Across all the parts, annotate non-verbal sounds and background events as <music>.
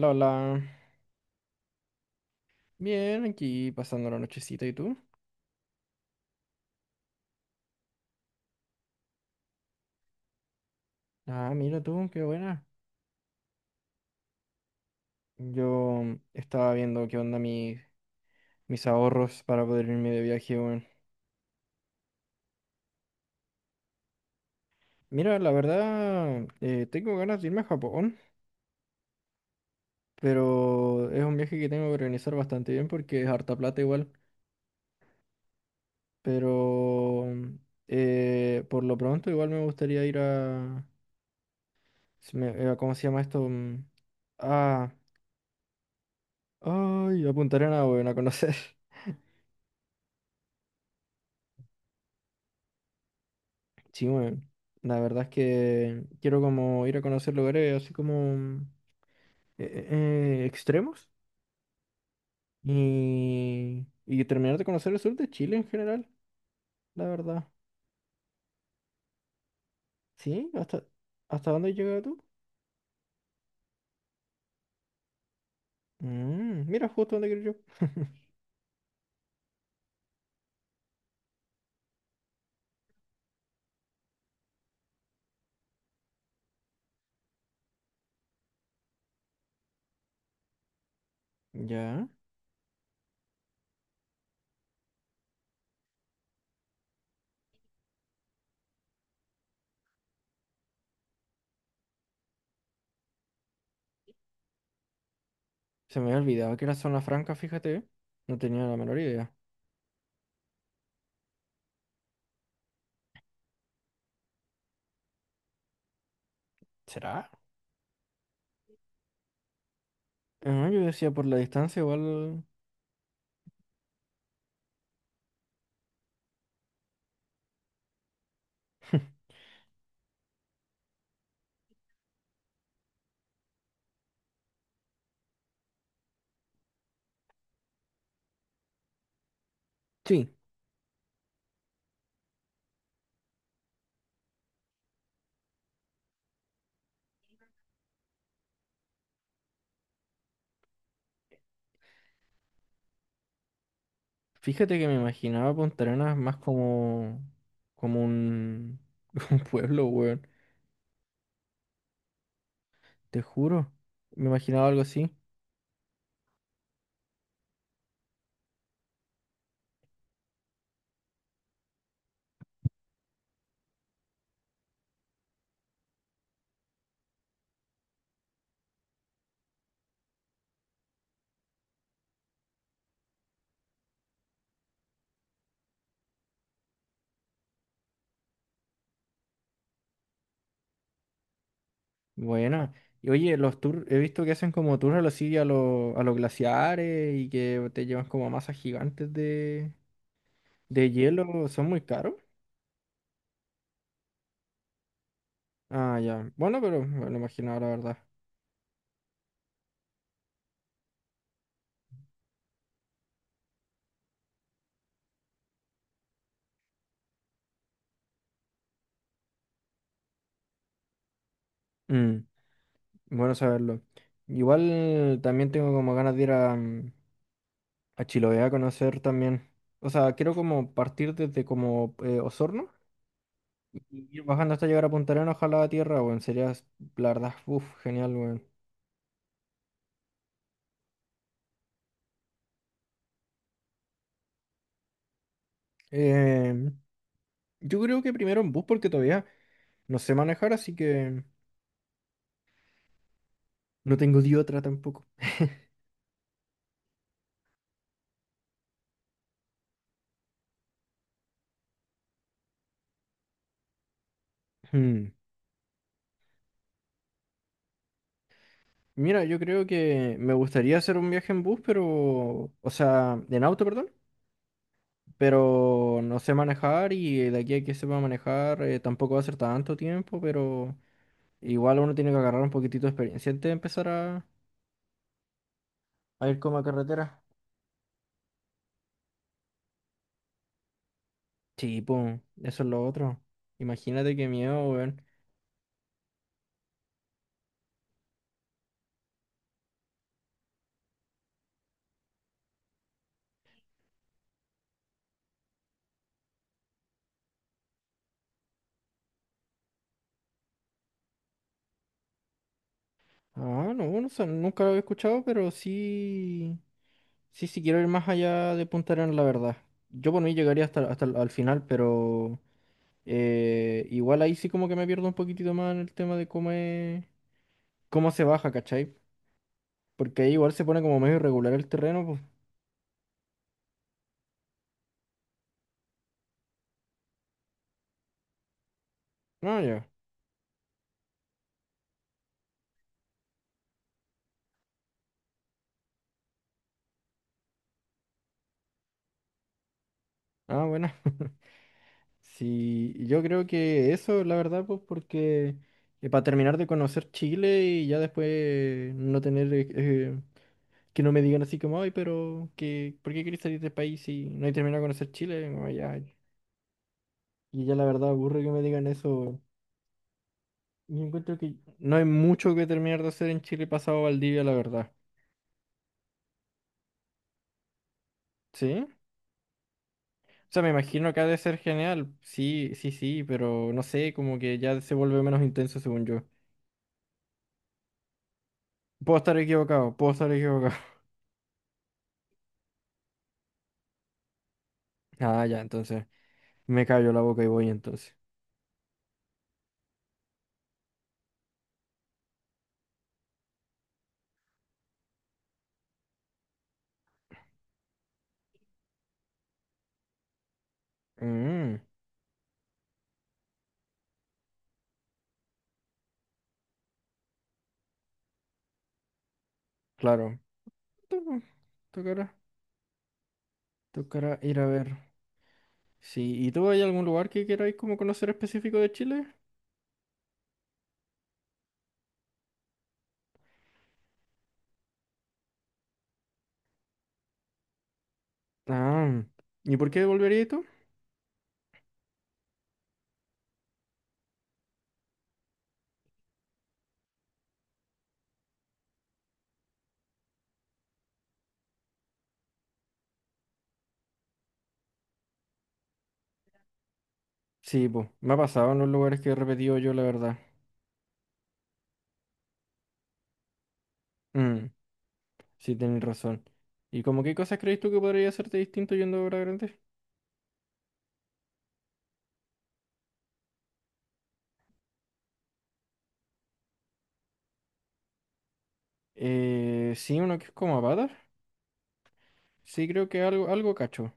Lola, bien, aquí pasando la nochecita, ¿y tú? Ah, mira tú, qué buena. Yo estaba viendo qué onda mis ahorros para poder irme de viaje, weón. Mira, la verdad, tengo ganas de irme a Japón, pero es un viaje que tengo que organizar bastante bien porque es harta plata igual. Pero por lo pronto igual me gustaría ir a... ¿Cómo se llama esto? Mm, ah, ay, a Punta Arenas, weón, a conocer. Sí, weón. La verdad es que quiero como ir a conocer lugares así como eh, extremos y terminar de conocer el sur de Chile en general, la verdad. ¿Sí? Hasta dónde has llegado tú? Mm, mira, justo donde quiero yo. Ya. Se me había olvidado que era zona franca, fíjate. No tenía la menor idea. ¿Será? Ah, yo decía por la distancia igual... <laughs> Sí. Fíjate que me imaginaba Punta Arenas más como, como un, <laughs> un pueblo, weón. Te juro. Me imaginaba algo así. Bueno. Y oye, los tours, he visto que hacen como tours a los, sí, a los glaciares y que te llevan como a masas gigantes de hielo. ¿Son muy caros? Ah, ya. Bueno, pero me lo imaginaba, la verdad. Mm, bueno saberlo. Igual también tengo como ganas de ir a, mm, a Chile voy a conocer también. O sea, quiero como partir desde como Osorno y ir bajando hasta llegar a Punta Arenas, ojalá a tierra, weón. La verdad, uff, genial, weón. Eh, yo creo que primero en bus porque todavía no sé manejar, así que no tengo de otra tampoco. Hmm. Mira, yo creo que me gustaría hacer un viaje en bus, pero, o sea, en auto, perdón, pero no sé manejar y de aquí a que sepa manejar tampoco va a ser tanto tiempo, pero... Igual uno tiene que agarrar un poquitito de experiencia antes de empezar a ir como a carretera. Sí, pum, eso es lo otro. Imagínate qué miedo, weón. Ah, no, no sé, nunca lo había escuchado, pero sí, sí, sí quiero ir más allá de Punta Arenas, la verdad. Yo por mí llegaría hasta el al final, pero igual ahí sí como que me pierdo un poquitito más en el tema de cómo es, cómo se baja, ¿cachai? Porque ahí igual se pone como medio irregular el terreno, pues. No, ya. Ah, bueno. <laughs> Sí, yo creo que eso, la verdad, pues porque para terminar de conocer Chile y ya después no tener que no me digan así como, ay, pero que, ¿por qué querés salir del país si no he terminado de conocer Chile? Como, ya, y ya la verdad aburre que me digan eso. Yo encuentro que no hay mucho que terminar de hacer en Chile pasado Valdivia, la verdad. ¿Sí? O sea, me imagino que ha de ser genial. Sí, sí, sí, pero no sé, como que ya se vuelve menos intenso según yo. Puedo estar equivocado, puedo estar equivocado. <laughs> Ah, ya, entonces. Me cayó la boca y voy entonces. Mm, claro. Tu- Tocará, tocará ir a ver. Sí, ¿y tú hay algún lugar que queráis como conocer específico de Chile? Ah, ¿y por qué volverías tú? Sí, pues, me ha pasado en los lugares que he repetido yo, la verdad. Mm, sí, tenéis razón. ¿Y como qué cosas crees tú que podría hacerte distinto yendo a obra grande? Sí, uno que es como patas. Sí, creo que algo, algo cacho.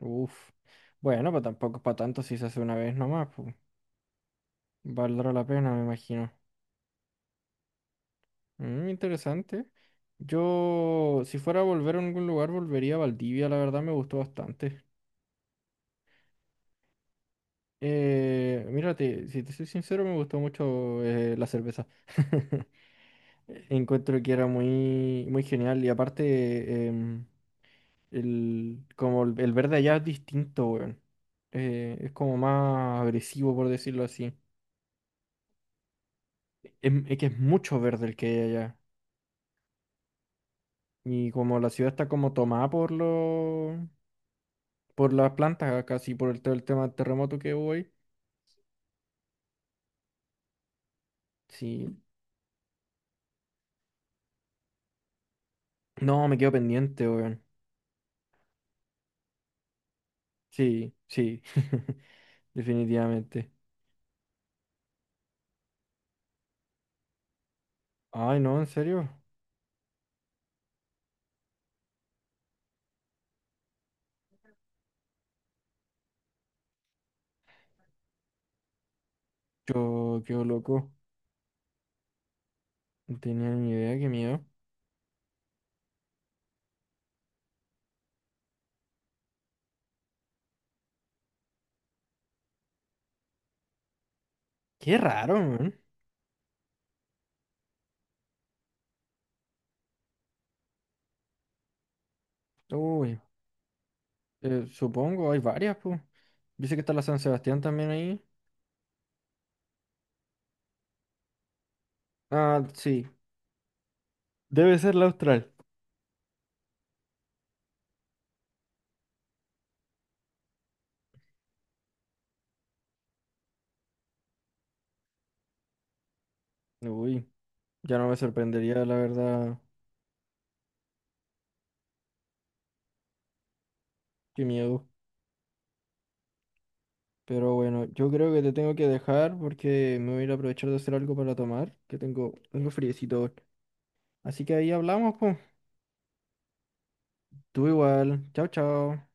Uf. Bueno, pues tampoco es para tanto si se hace una vez nomás, pues. Valdrá la pena, me imagino. Mm, interesante. Yo, si fuera a volver a algún lugar, volvería a Valdivia, la verdad me gustó bastante. Mírate, si te soy sincero, me gustó mucho la cerveza. <laughs> Encuentro que era muy, muy genial y aparte, el, como el verde allá es distinto, weón. Es como más agresivo, por decirlo así. Es, que es mucho verde el que hay allá. Y como la ciudad está como tomada por los por las plantas, casi por el, todo el tema del terremoto que hubo ahí. Sí. No, me quedo pendiente, weón. Sí, sí. <laughs> Definitivamente. Ay, no, en serio. Yo quedo loco. No tenía ni idea, qué miedo. Qué raro, weón. Uy, supongo, hay varias, pues. Dice que está la San Sebastián también ahí. Ah, sí. Debe ser la Austral. Uy, ya no me sorprendería, la verdad. Qué miedo. Pero bueno, yo creo que te tengo que dejar porque me voy a ir a aprovechar de hacer algo para tomar, que tengo algo friecito. Así que ahí hablamos, pues. Tú igual. Chao, chao.